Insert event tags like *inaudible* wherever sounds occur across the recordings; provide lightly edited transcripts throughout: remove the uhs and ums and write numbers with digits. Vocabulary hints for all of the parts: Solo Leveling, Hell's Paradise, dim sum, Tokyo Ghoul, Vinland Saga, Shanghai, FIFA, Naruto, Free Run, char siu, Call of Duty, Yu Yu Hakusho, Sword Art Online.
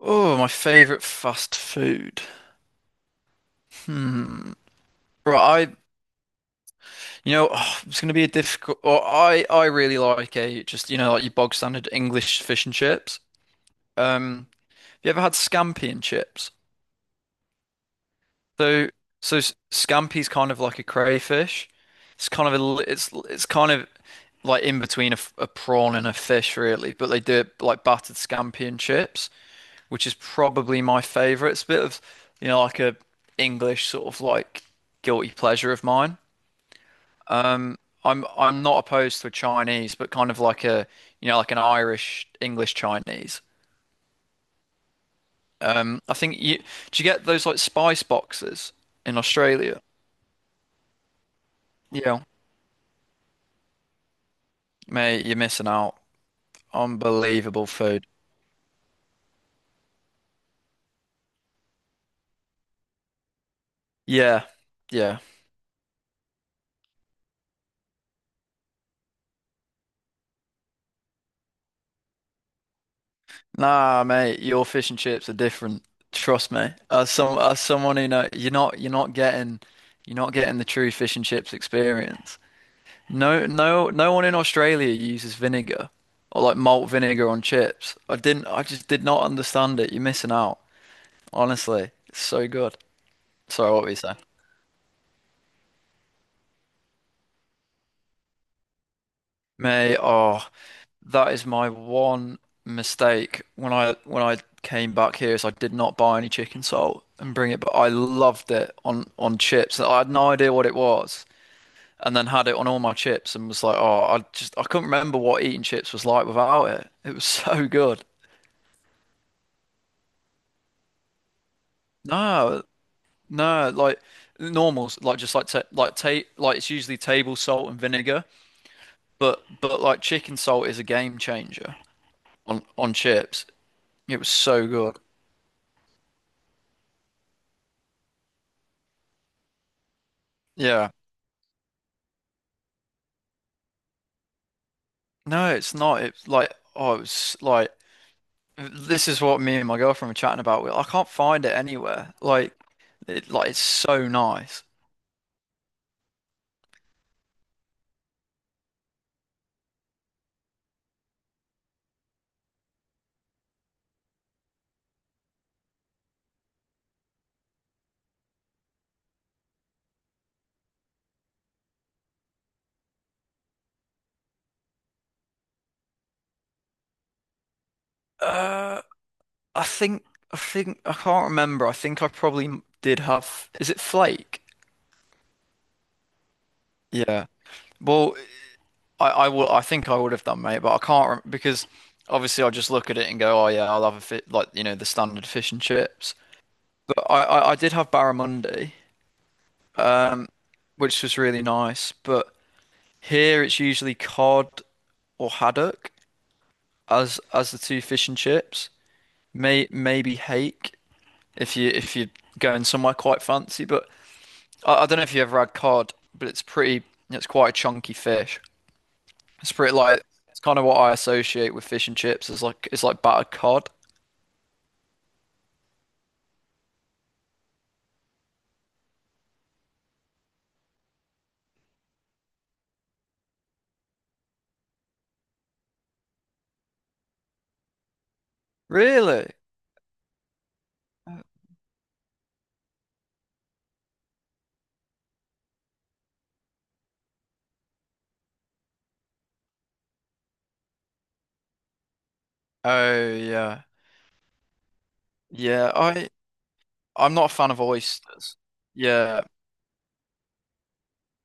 Oh, my favorite fast food. Hmm. Right, oh, it's going to be a difficult. Or I really like a just, like your bog standard English fish and chips. Um, have you ever had scampi and chips? So, Scampi's kind of like a crayfish. It's kind of it's kind of like in between a prawn and a fish, really. But they do it like battered scampi and chips, which is probably my favorite. It's a bit of, like a English sort of like guilty pleasure of mine. Um, I'm not opposed to a Chinese, but kind of like a, like an Irish English Chinese. I think you Do you get those like spice boxes in Australia? Yeah, mate, you're missing out. Unbelievable food. Yeah, yeah. Nah, mate, your fish and chips are different. Trust me. As someone who know, you're not getting, you're not getting the true fish and chips experience. No, no, no one in Australia uses vinegar or like malt vinegar on chips. I just did not understand it. You're missing out. Honestly. It's so good. Sorry, what were you saying? Mate, oh, that is my one mistake when I came back here is I did not buy any chicken salt and bring it, but I loved it on chips. I had no idea what it was, and then had it on all my chips and was like, oh, I couldn't remember what eating chips was like without it. It was *laughs* so good. No, no, like normals, like just like ta like ta like it's usually table salt and vinegar, but like chicken salt is a game changer on chips. It was so good. Yeah. No, it's not. It's like, oh, it's like, this is what me and my girlfriend were chatting about. We- I can't find it anywhere. Like, it, like it's so nice. Uh, I think, I can't remember. I think I probably did have, is it Flake? Yeah. Well, I will, I think I would have done, mate, but I can't rem because obviously I just look at it and go, oh, yeah, I'll have a fit, like, the standard fish and chips. But I did have barramundi, um, which was really nice, but. Here it's usually cod or haddock as the two fish and chips. Maybe hake if you're going somewhere quite fancy. But I don't know if you ever had cod, but it's pretty. It's quite a chunky fish. It's pretty like it's kind of what I associate with fish and chips. Is like it's like battered cod. Really? Oh yeah, yeah. I I'm not a fan of oysters. Yeah,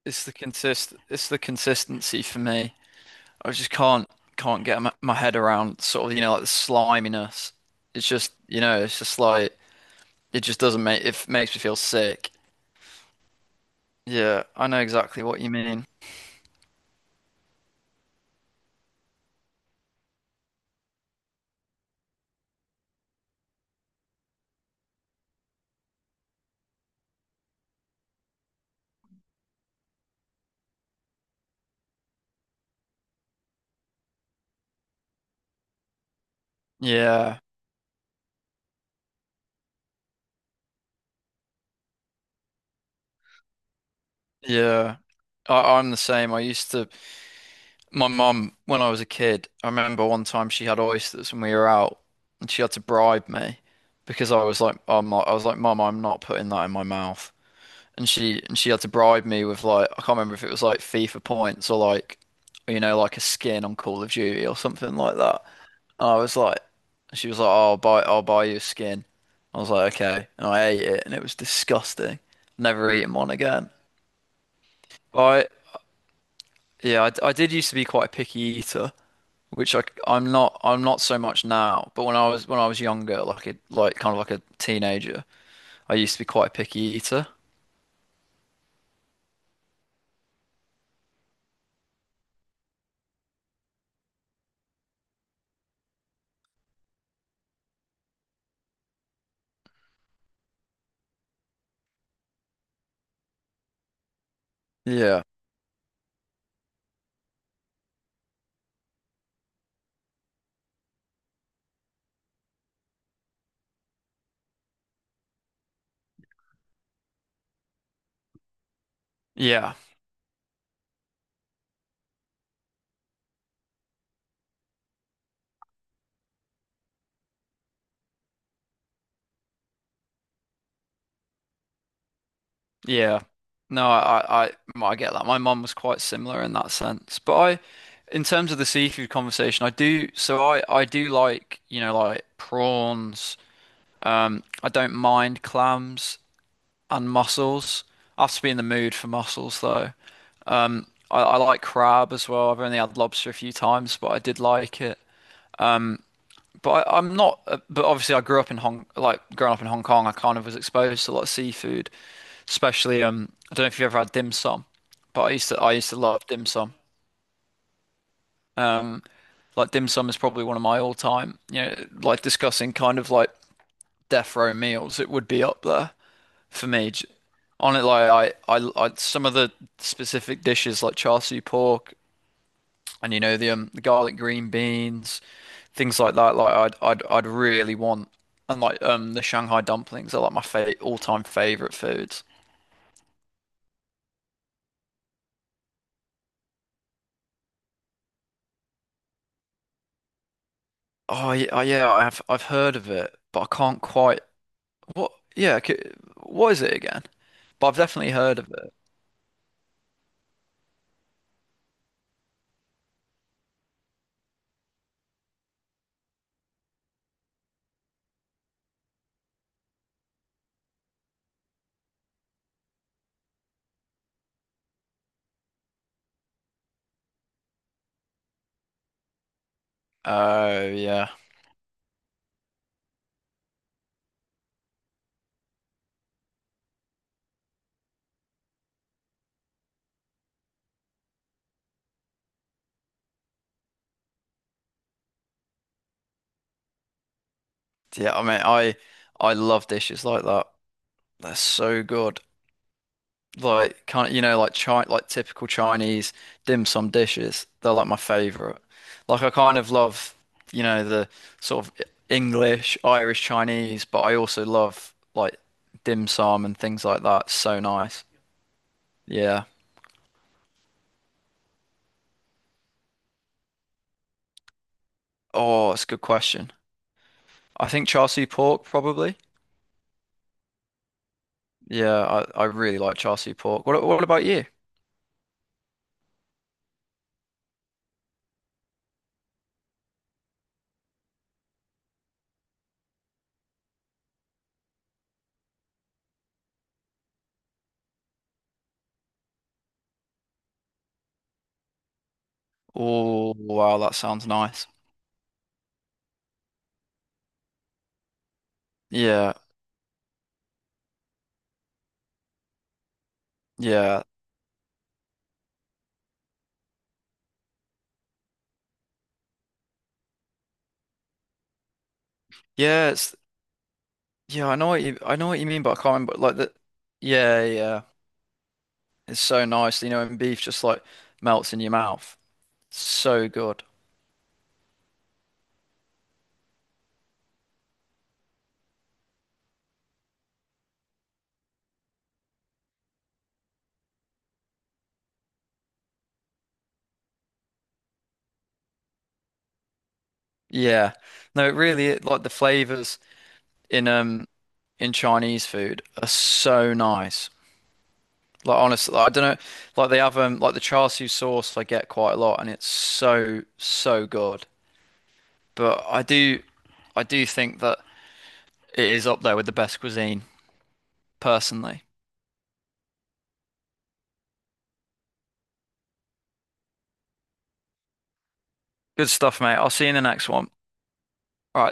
it's the consist it's the consistency for me. I just can't get my, my head around sort of, like the sliminess. It's just, it's just like, it just doesn't make it makes me feel sick. Yeah, I know exactly what you mean. Yeah, yeah. I'm the same. I used to, my mum when I was a kid. I remember one time she had oysters when we were out, and she had to bribe me because I was like, I'm not, I was like, Mum, I'm not putting that in my mouth, and she had to bribe me with like, I can't remember if it was like FIFA points or like, like a skin on Call of Duty or something like that. And I was like, she was like, oh, I'll buy you a skin. I was like, okay, and I ate it and it was disgusting. Never eating one again. But yeah, I did used to be quite a picky eater, which I'm not, I'm not so much now. But when I was younger, like a like kind of like a teenager, I used to be quite a picky eater. Yeah, yeah. Yeah. No, I well, I get that. My mum was quite similar in that sense. But in terms of the seafood conversation, so I do like, like prawns. I don't mind clams and mussels. I have to be in the mood for mussels though. I like crab as well. I've only had lobster a few times, but I did like it. But I, I'm not. But obviously, I grew up in Hong, like growing up in Hong Kong, I kind of was exposed to a lot of seafood, especially. I don't know if you've ever had dim sum, but I used to love dim sum. Like dim sum is probably one of my all-time. You know, like discussing kind of like death row meals, it would be up there for me. Like some of the specific dishes like char siu pork, and you know the garlic green beans, things like that. Like I'd really want, and like the Shanghai dumplings are like my fa all-time favorite foods. Oh yeah, oh, yeah, I've heard of it, but I can't quite, what yeah, c what is it again? But I've definitely heard of it. Oh yeah. Yeah, I love dishes like that. They're so good. Like kind of, you know, like chi like typical Chinese dim sum dishes. They're like my favorite. Like I kind of love, you know, the sort of English, Irish, Chinese, but I also love like dim sum and things like that. So nice. Yeah. Oh, it's a good question. I think char siu pork probably. Yeah, I really like char siu pork. What about you? Oh, wow, that sounds nice. Yeah, yeah. Yeah, it's Yeah, I know what you mean, but I can't remember like the, yeah, yeah. It's so nice, you know, and beef just like melts in your mouth. So good. Yeah. No, it really it, like the flavors in um in Chinese food are so nice. Like honestly, like, I don't know, like they have like the char siu sauce I get quite a lot and it's so so good. But I do think that it is up there with the best cuisine personally. Good stuff, mate. I'll see you in the next one. All right.